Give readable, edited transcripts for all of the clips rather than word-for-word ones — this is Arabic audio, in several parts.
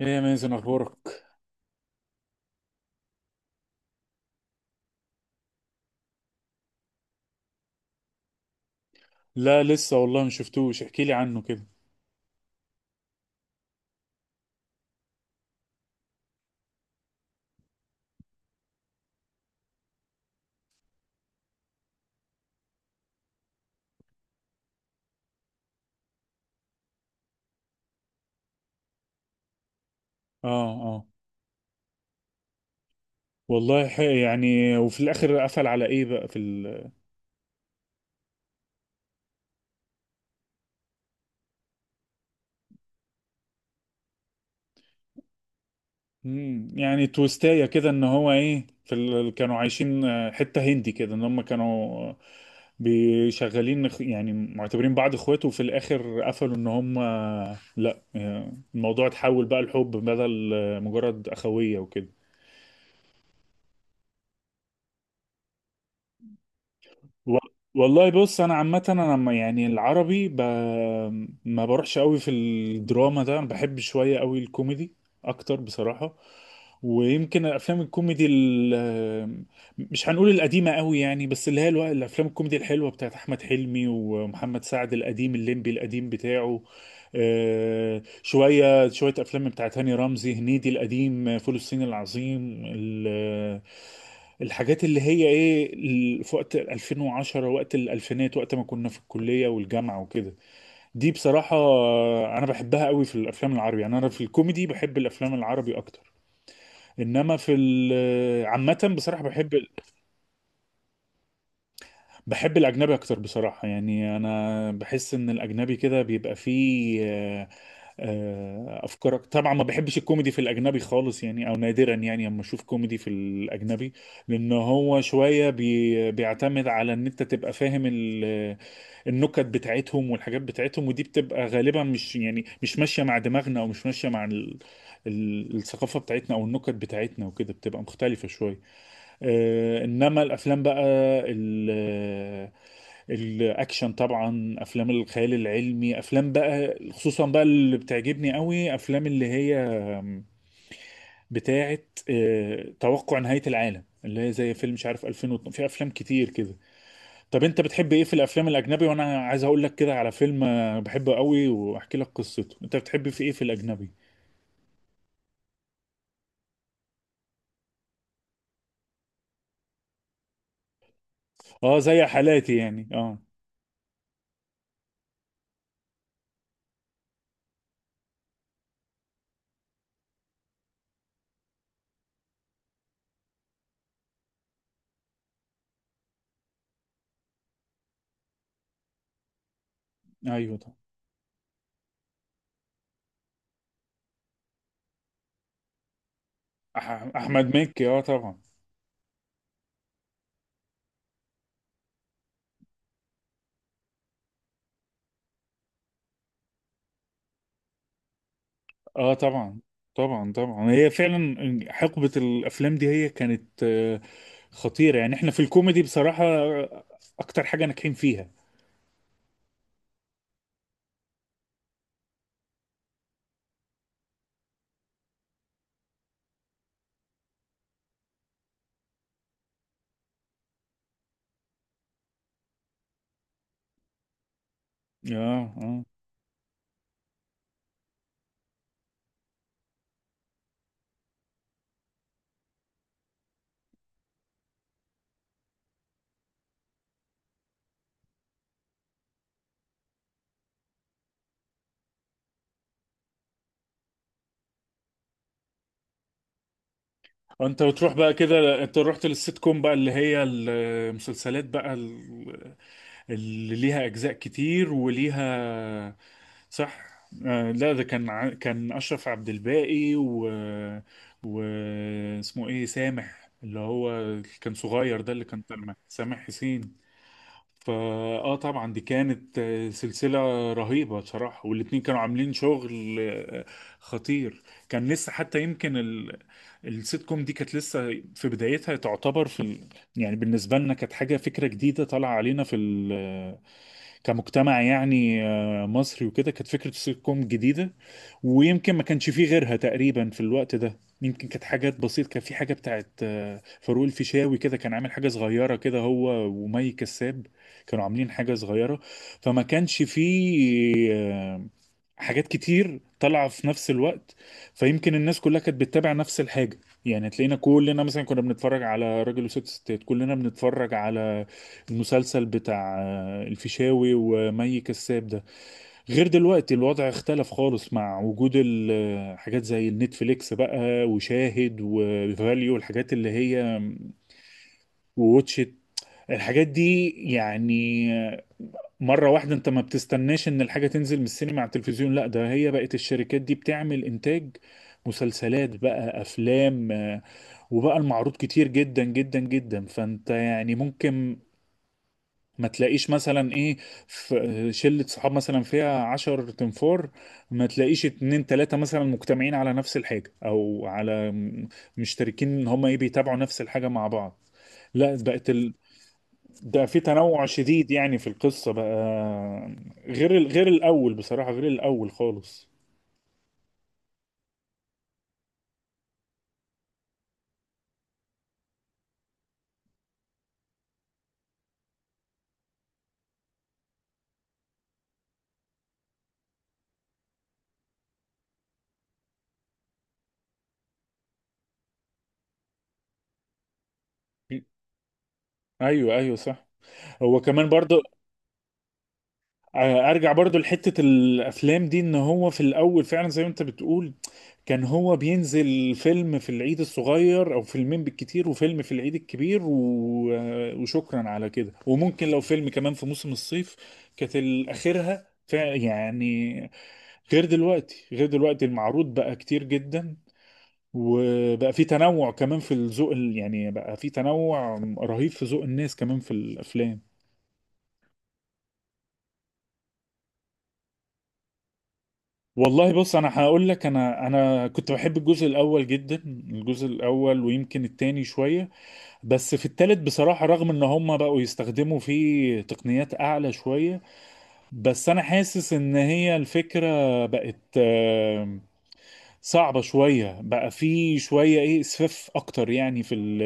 ايه يا مازن، اخبارك؟ لا، لسه والله ما شفتوش. احكي لي عنه كده. اه، اه. والله يعني، وفي الاخر قفل على ايه بقى في يعني تويستايه كده ان هو ايه في كانوا عايشين، حته هندي كده ان هم كانوا آه، بيشغلين يعني معتبرين بعض اخوات. وفي الاخر قفلوا ان هم لا، الموضوع اتحول بقى لحب بدل مجرد اخويه وكده. و- والله بص، انا عامه انا لما يعني العربي ما بروحش قوي في الدراما ده. انا بحب شويه قوي الكوميدي اكتر بصراحه. ويمكن الافلام الكوميدي مش هنقول القديمه قوي يعني، بس اللي هي الافلام الكوميدي الحلوه بتاعت احمد حلمي ومحمد سعد القديم، الليمبي القديم بتاعه. شويه شويه افلام بتاعت هاني رمزي، هنيدي القديم، فول الصين العظيم الحاجات اللي هي ايه في وقت 2010، وقت الالفينات، وقت ما كنا في الكليه والجامعه وكده. دي بصراحه، انا بحبها قوي في الافلام العربي. يعني انا في الكوميدي بحب الافلام العربي اكتر. انما في عامه بصراحه بحب بحب الأجنبي أكتر بصراحة. يعني أنا بحس إن الأجنبي كده بيبقى فيه أفكار طبعا ما بحبش الكوميدي في الأجنبي خالص، يعني أو نادرا يعني أما أشوف كوميدي في الأجنبي. لأن هو شوية بيعتمد على إن أنت تبقى فاهم النكت بتاعتهم والحاجات بتاعتهم. ودي بتبقى غالبا مش يعني مش ماشية مع دماغنا، أو مش ماشية مع الثقافة بتاعتنا أو النكت بتاعتنا، وكده بتبقى مختلفة شوية. انما الافلام بقى ال- الاكشن، طبعا افلام الخيال العلمي، افلام بقى خصوصا بقى اللي بتعجبني قوي، افلام اللي هي بتاعه توقع نهاية العالم، اللي هي زي فيلم مش عارف، 2002، في افلام كتير كده. طب انت بتحب ايه في الافلام الاجنبي؟ وانا عايز اقول لك كده على فيلم بحبه قوي، واحكي لك قصته. انت بتحب في ايه في الاجنبي؟ اه، زي حالاتي يعني. اه. ايوه طبعا. احمد مكي، اه طبعا. اه، طبعا طبعا. طبعا هي فعلا حقبة الافلام دي، هي كانت خطيرة. يعني احنا في الكوميدي بصراحة اكتر حاجة ناجحين فيها. اه، اه. انت بتروح بقى كده؟ انت رحت للسيت كوم بقى، اللي هي المسلسلات بقى اللي ليها اجزاء كتير وليها. صح. آه، لا، ده كان كان اشرف عبد الباقي، و، واسمه ايه، سامح، اللي هو كان صغير ده، اللي كان طالع معاه، سامح حسين. فاه طبعا، دي كانت سلسلة رهيبة بصراحة. والاتنين كانوا عاملين شغل خطير. كان لسه حتى يمكن السيت كوم دي كانت لسه في بدايتها تعتبر في يعني بالنسبة لنا كانت حاجة، فكرة جديدة طالعة علينا، في كمجتمع يعني مصري، وكده كانت فكرة السيت كوم جديدة. ويمكن ما كانش فيه غيرها تقريبا في الوقت ده. يمكن كانت حاجات بسيطة، كان في حاجة بتاعت فاروق الفيشاوي، كده كان عامل حاجة صغيرة كده، هو ومي كساب كانوا عاملين حاجة صغيرة. فما كانش فيه حاجات كتير طالعة في نفس الوقت، فيمكن الناس كلها كانت بتتابع نفس الحاجة. يعني تلاقينا كلنا مثلا كنا بنتفرج على راجل وست ستات، كلنا بنتفرج على المسلسل بتاع الفيشاوي ومي كساب ده. غير دلوقتي، الوضع اختلف خالص مع وجود حاجات زي النتفليكس بقى وشاهد وفاليو، الحاجات اللي هي ووتشت، الحاجات دي يعني. مرة واحدة انت ما بتستناش ان الحاجة تنزل من السينما على التلفزيون. لا، ده هي بقت الشركات دي بتعمل انتاج مسلسلات بقى، افلام، وبقى المعروض كتير جدا جدا جدا. فانت يعني ممكن ما تلاقيش مثلا ايه، في شلة صحاب مثلا فيها 10 تنفار، ما تلاقيش اتنين تلاتة مثلا مجتمعين على نفس الحاجة، او على مشتركين ان هما ايه، بيتابعوا نفس الحاجة مع بعض. لا، بقت ده في تنوع شديد، يعني في القصة بقى، غير غير الاول بصراحة، غير الاول خالص. ايوه، ايوه، صح. هو كمان برضه. ارجع برضو لحتة الافلام دي، ان هو في الاول فعلا زي ما انت بتقول، كان هو بينزل فيلم في العيد الصغير او فيلمين بالكتير، وفيلم في العيد الكبير، و... آه، وشكرا على كده، وممكن لو فيلم كمان في موسم الصيف. كانت اخرها يعني، غير دلوقتي، غير دلوقتي المعروض بقى كتير جدا، وبقى في تنوع كمان في الذوق يعني بقى في تنوع رهيب في ذوق الناس كمان في الافلام. والله بص، انا هقول لك، انا كنت بحب الجزء الاول جدا، الجزء الاول ويمكن التاني شويه. بس في التالت بصراحه، رغم ان هم بقوا يستخدموا فيه تقنيات اعلى شويه، بس انا حاسس ان هي الفكره بقت صعبه شويه، بقى في شويه ايه، اسفاف اكتر يعني، في ال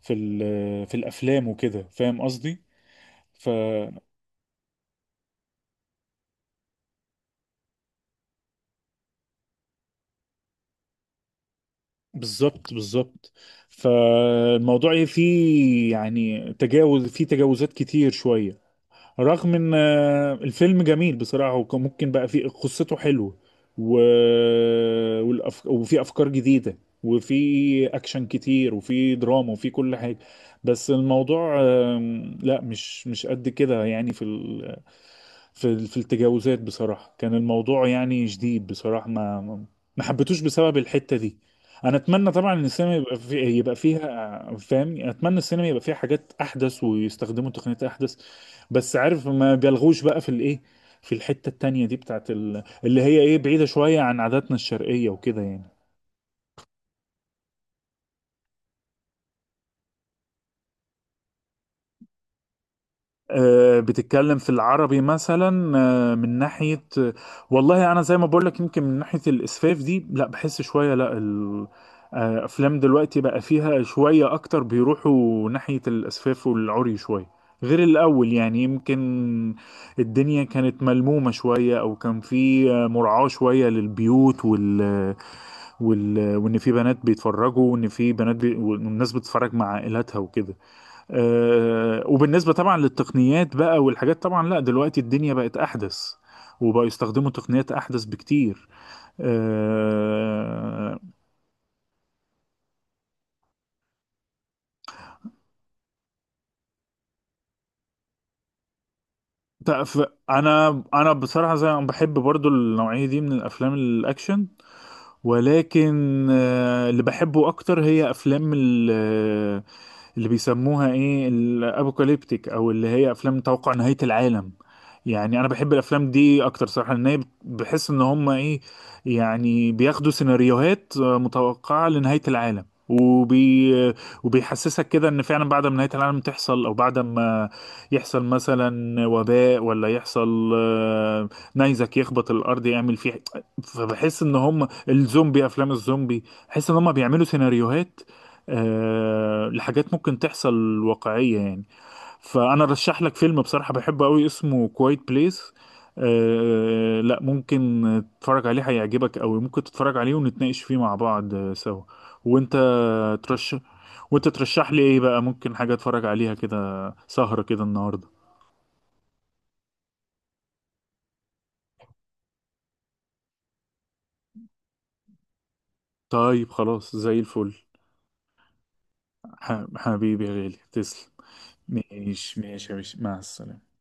في ال في الافلام وكده، فاهم قصدي؟ ف بالظبط، بالظبط. فالموضوع إيه، فيه يعني تجاوز، فيه تجاوزات كتير شوية، رغم ان الفيلم جميل بصراحة، وكان ممكن بقى فيه قصته حلوة، و... وفي افكار جديدة، وفي اكشن كتير، وفي دراما، وفي كل حاجة. بس الموضوع لا، مش قد كده يعني، في في التجاوزات بصراحة كان الموضوع يعني شديد بصراحة. ما حبيتوش بسبب الحتة دي. انا اتمنى طبعا ان السينما يبقى يبقى فيها فاهم، اتمنى السينما يبقى فيها حاجات احدث ويستخدموا تقنيات احدث. بس عارف، ما بيلغوش بقى في الايه، في الحتة التانية دي بتاعت اللي هي ايه، بعيدة شوية عن عاداتنا الشرقية وكده يعني. بتتكلم في العربي مثلا؟ من ناحية، والله أنا زي ما بقولك، يمكن من ناحية الإسفاف دي، لا بحس شوية. لا أفلام دلوقتي بقى فيها شوية أكتر، بيروحوا ناحية الإسفاف والعري شوية غير الأول يعني. يمكن الدنيا كانت ملمومة شوية، أو كان في مراعاة شوية للبيوت وان في بنات بيتفرجوا، وان في بنات والناس بتتفرج مع عائلاتها وكده. وبالنسبه طبعا للتقنيات بقى والحاجات، طبعا لا، دلوقتي الدنيا بقت احدث، وبقوا يستخدموا تقنيات احدث بكتير. أه... ف... انا بصراحه زي ما بحب برضو النوعيه دي من الافلام الاكشن. ولكن اللي بحبه اكتر هي افلام اللي بيسموها ايه، الابوكاليبتيك، او اللي هي افلام توقع نهاية العالم. يعني انا بحب الافلام دي اكتر صراحة، لان هي بحس ان هم ايه، يعني بياخدوا سيناريوهات متوقعة لنهاية العالم، وبيحسسك كده ان فعلا بعد ما نهاية العالم تحصل، او بعد ما يحصل مثلا وباء، ولا يحصل نيزك يخبط الارض يعمل فيه. فبحس ان هم الزومبي، افلام الزومبي، بحيث ان هم بيعملوا سيناريوهات لحاجات ممكن تحصل واقعية يعني. فانا رشح لك فيلم بصراحة بحبه قوي، اسمه كوايت بليس. لا، ممكن تتفرج عليه، هيعجبك قوي. ممكن تتفرج عليه ونتناقش فيه مع بعض سوا. وانت ترشح وانت ترشح لي ايه بقى؟ ممكن حاجة اتفرج عليها كده، سهرة كده النهاردة؟ طيب، خلاص زي الفل. حبيبي يا غالي، تسلم. ماشي، ماشي يا باشا، مع السلامة.